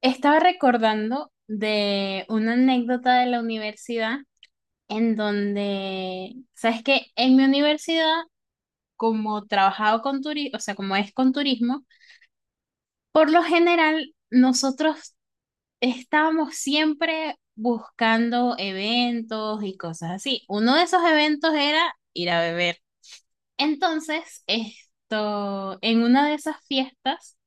Estaba recordando de una anécdota de la universidad en donde, sabes, que en mi universidad, como trabajaba con turismo, o sea, como es con turismo, por lo general nosotros estábamos siempre buscando eventos y cosas así. Uno de esos eventos era ir a beber. Entonces, esto, en una de esas fiestas,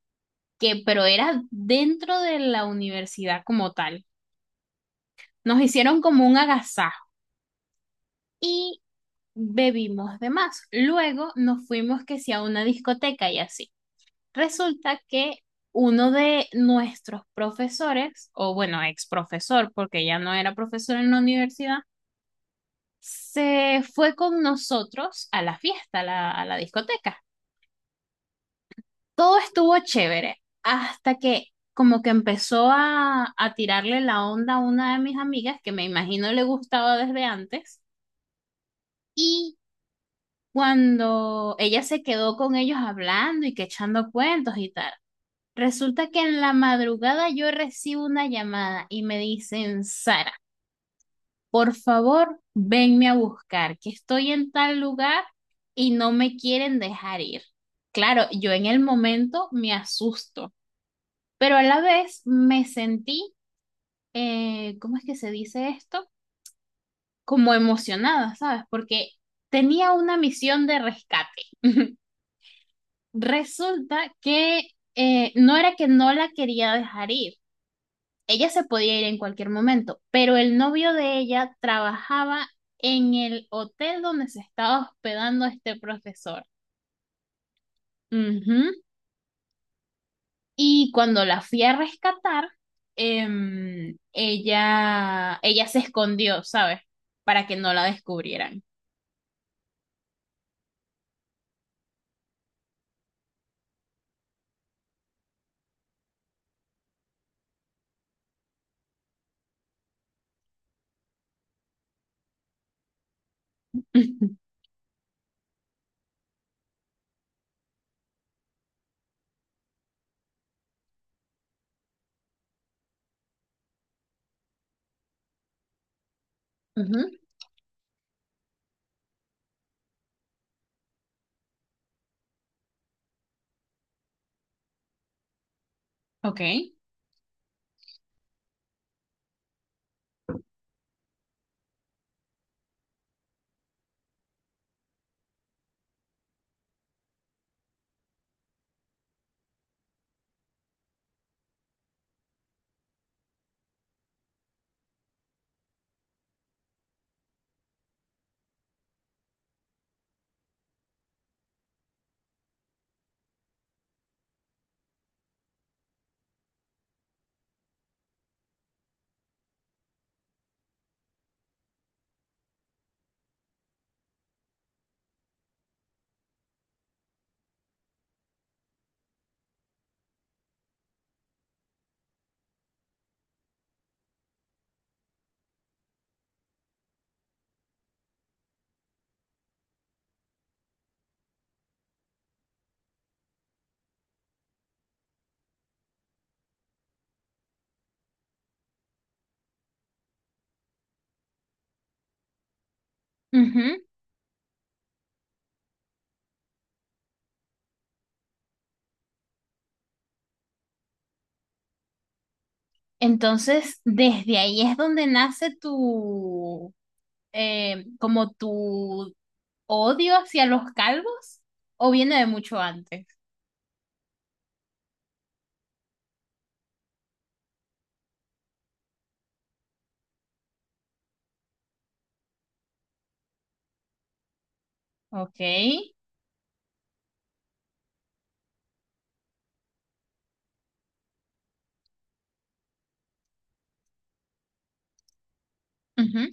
que pero era dentro de la universidad como tal. Nos hicieron como un agasajo y bebimos de más. Luego nos fuimos que si a una discoteca y así. Resulta que uno de nuestros profesores, o bueno, ex profesor, porque ya no era profesor en la universidad, se fue con nosotros a la fiesta, a la discoteca. Todo estuvo chévere hasta que como que empezó a tirarle la onda a una de mis amigas que me imagino le gustaba desde antes. Y cuando ella se quedó con ellos hablando y que echando cuentos y tal. Resulta que en la madrugada yo recibo una llamada y me dicen, Sara, por favor, venme a buscar, que estoy en tal lugar y no me quieren dejar ir. Claro, yo en el momento me asusto, pero a la vez me sentí, ¿cómo es que se dice esto? Como emocionada, ¿sabes? Porque tenía una misión de rescate. Resulta que no era que no la quería dejar ir, ella se podía ir en cualquier momento, pero el novio de ella trabajaba en el hotel donde se estaba hospedando este profesor. Ujú. Y cuando la fui a rescatar, ella se escondió, ¿sabes? Para que no la descubrieran. Ujú. Ok. Ujú. Entonces, ¿desde ahí es donde nace tu, como tu odio hacia los calvos, o viene de mucho antes? Ok, ujú,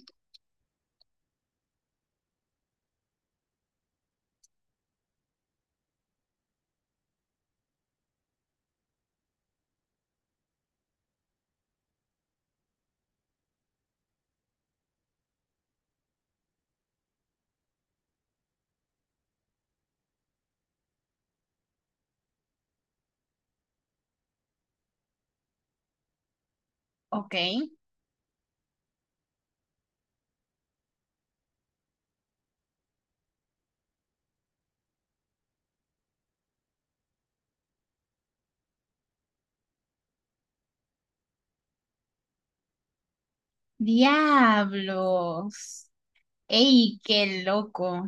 ok. Diablos. ¡Ey, qué loco!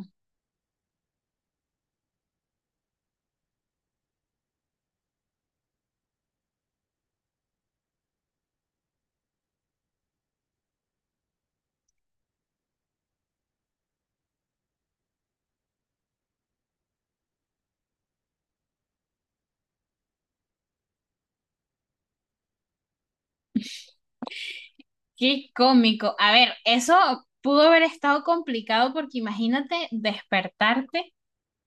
¡Qué cómico! A ver, eso pudo haber estado complicado porque imagínate despertarte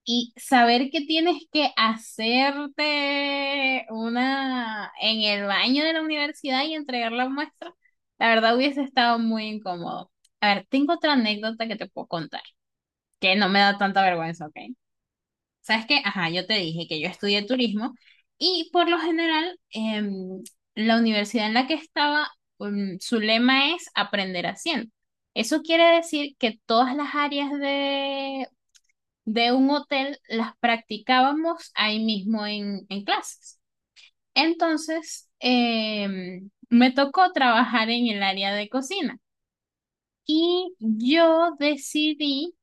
y saber que tienes que hacerte una en el baño de la universidad y entregar la muestra. La verdad hubiese estado muy incómodo. A ver, tengo otra anécdota que te puedo contar, que no me da tanta vergüenza, ¿ok? Sabes que, ajá, yo te dije que yo estudié turismo y por lo general la universidad en la que estaba, su lema es aprender haciendo. Eso quiere decir que todas las áreas de un hotel las practicábamos ahí mismo en clases. Entonces, me tocó trabajar en el área de cocina y yo decidí,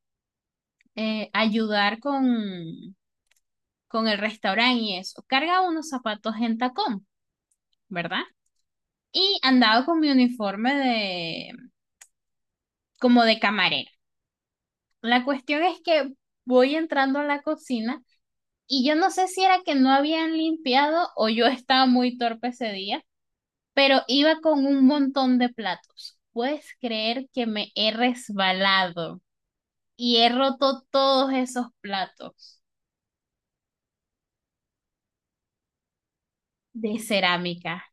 ayudar con el restaurante y eso. Cargaba unos zapatos en tacón, ¿verdad? Y andaba con mi uniforme de como de camarera. La cuestión es que voy entrando a la cocina. Y yo no sé si era que no habían limpiado o yo estaba muy torpe ese día, pero iba con un montón de platos. ¿Puedes creer que me he resbalado y he roto todos esos platos de cerámica?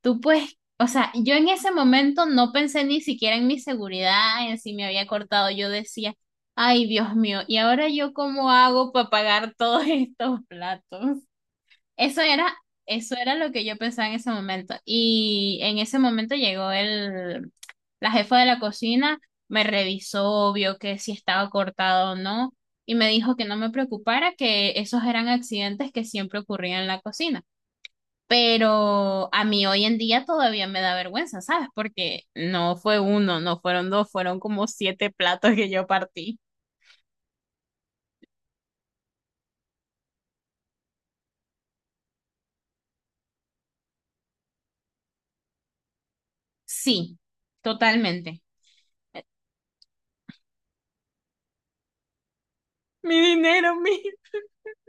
Tú puedes, o sea, yo en ese momento no pensé ni siquiera en mi seguridad, en si me había cortado. Yo decía, ay, Dios mío, ¿y ahora yo cómo hago para pagar todos estos platos? Eso era, eso era lo que yo pensaba en ese momento. Y en ese momento llegó la jefa de la cocina, me revisó, vio que si estaba cortado o no, y me dijo que no me preocupara, que esos eran accidentes que siempre ocurrían en la cocina. Pero a mí hoy en día todavía me da vergüenza, ¿sabes? Porque no fue uno, no fueron dos, fueron como siete platos que yo partí. Sí, totalmente. Mi dinero, mi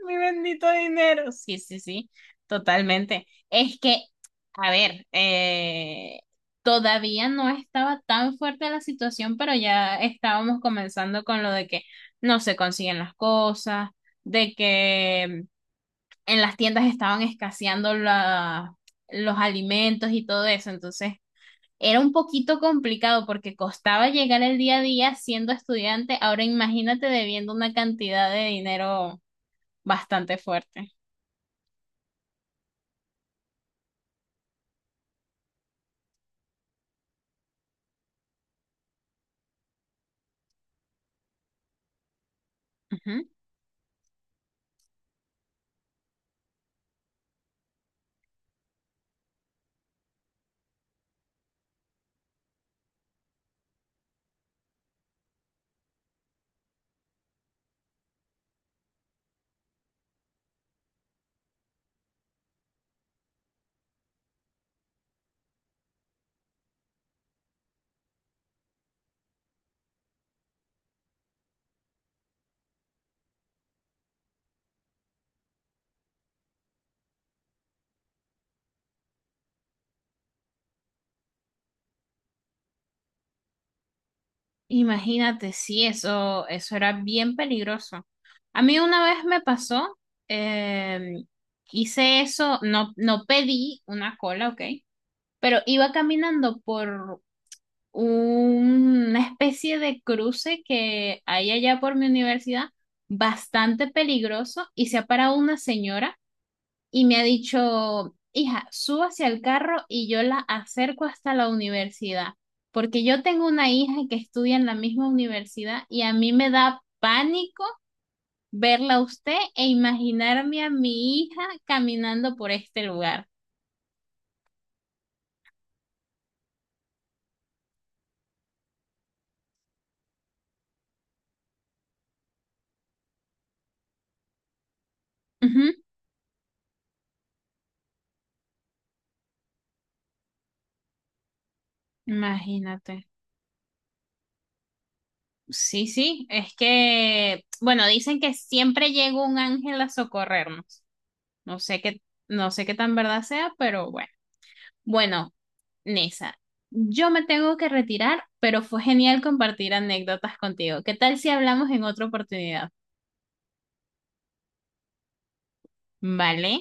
mi bendito dinero. Sí, sí, sí, totalmente. Es que, a ver, todavía no estaba tan fuerte la situación, pero ya estábamos comenzando con lo de que no se consiguen las cosas, de que en las tiendas estaban escaseando la- los alimentos y todo eso. Entonces, era un poquito complicado porque costaba llegar el día a día siendo estudiante. Ahora imagínate debiendo una cantidad de dinero bastante fuerte. Ujú. Imagínate, sí, eso era bien peligroso. A mí una vez me pasó, em, hice eso, no, no pedí una cola, ok, pero iba caminando por una especie de cruce que hay allá por mi universidad, bastante peligroso, y se ha parado una señora. Y me ha dicho, hija, suba hacia el carro y yo la acerco hasta la universidad, porque yo tengo una hija que estudia en la misma universidad y a mí me da pánico verla a usted e imaginarme a mi hija caminando por este lugar. Ujú. Imagínate. Sí, sí, es que, bueno, dicen que siempre llega un ángel a socorrernos. No sé qué, no sé qué tan verdad sea, pero bueno. Bueno, Nisa, yo me tengo que retirar, pero fue genial compartir anécdotas contigo. ¿Qué tal si hablamos en otra oportunidad? ¿Vale?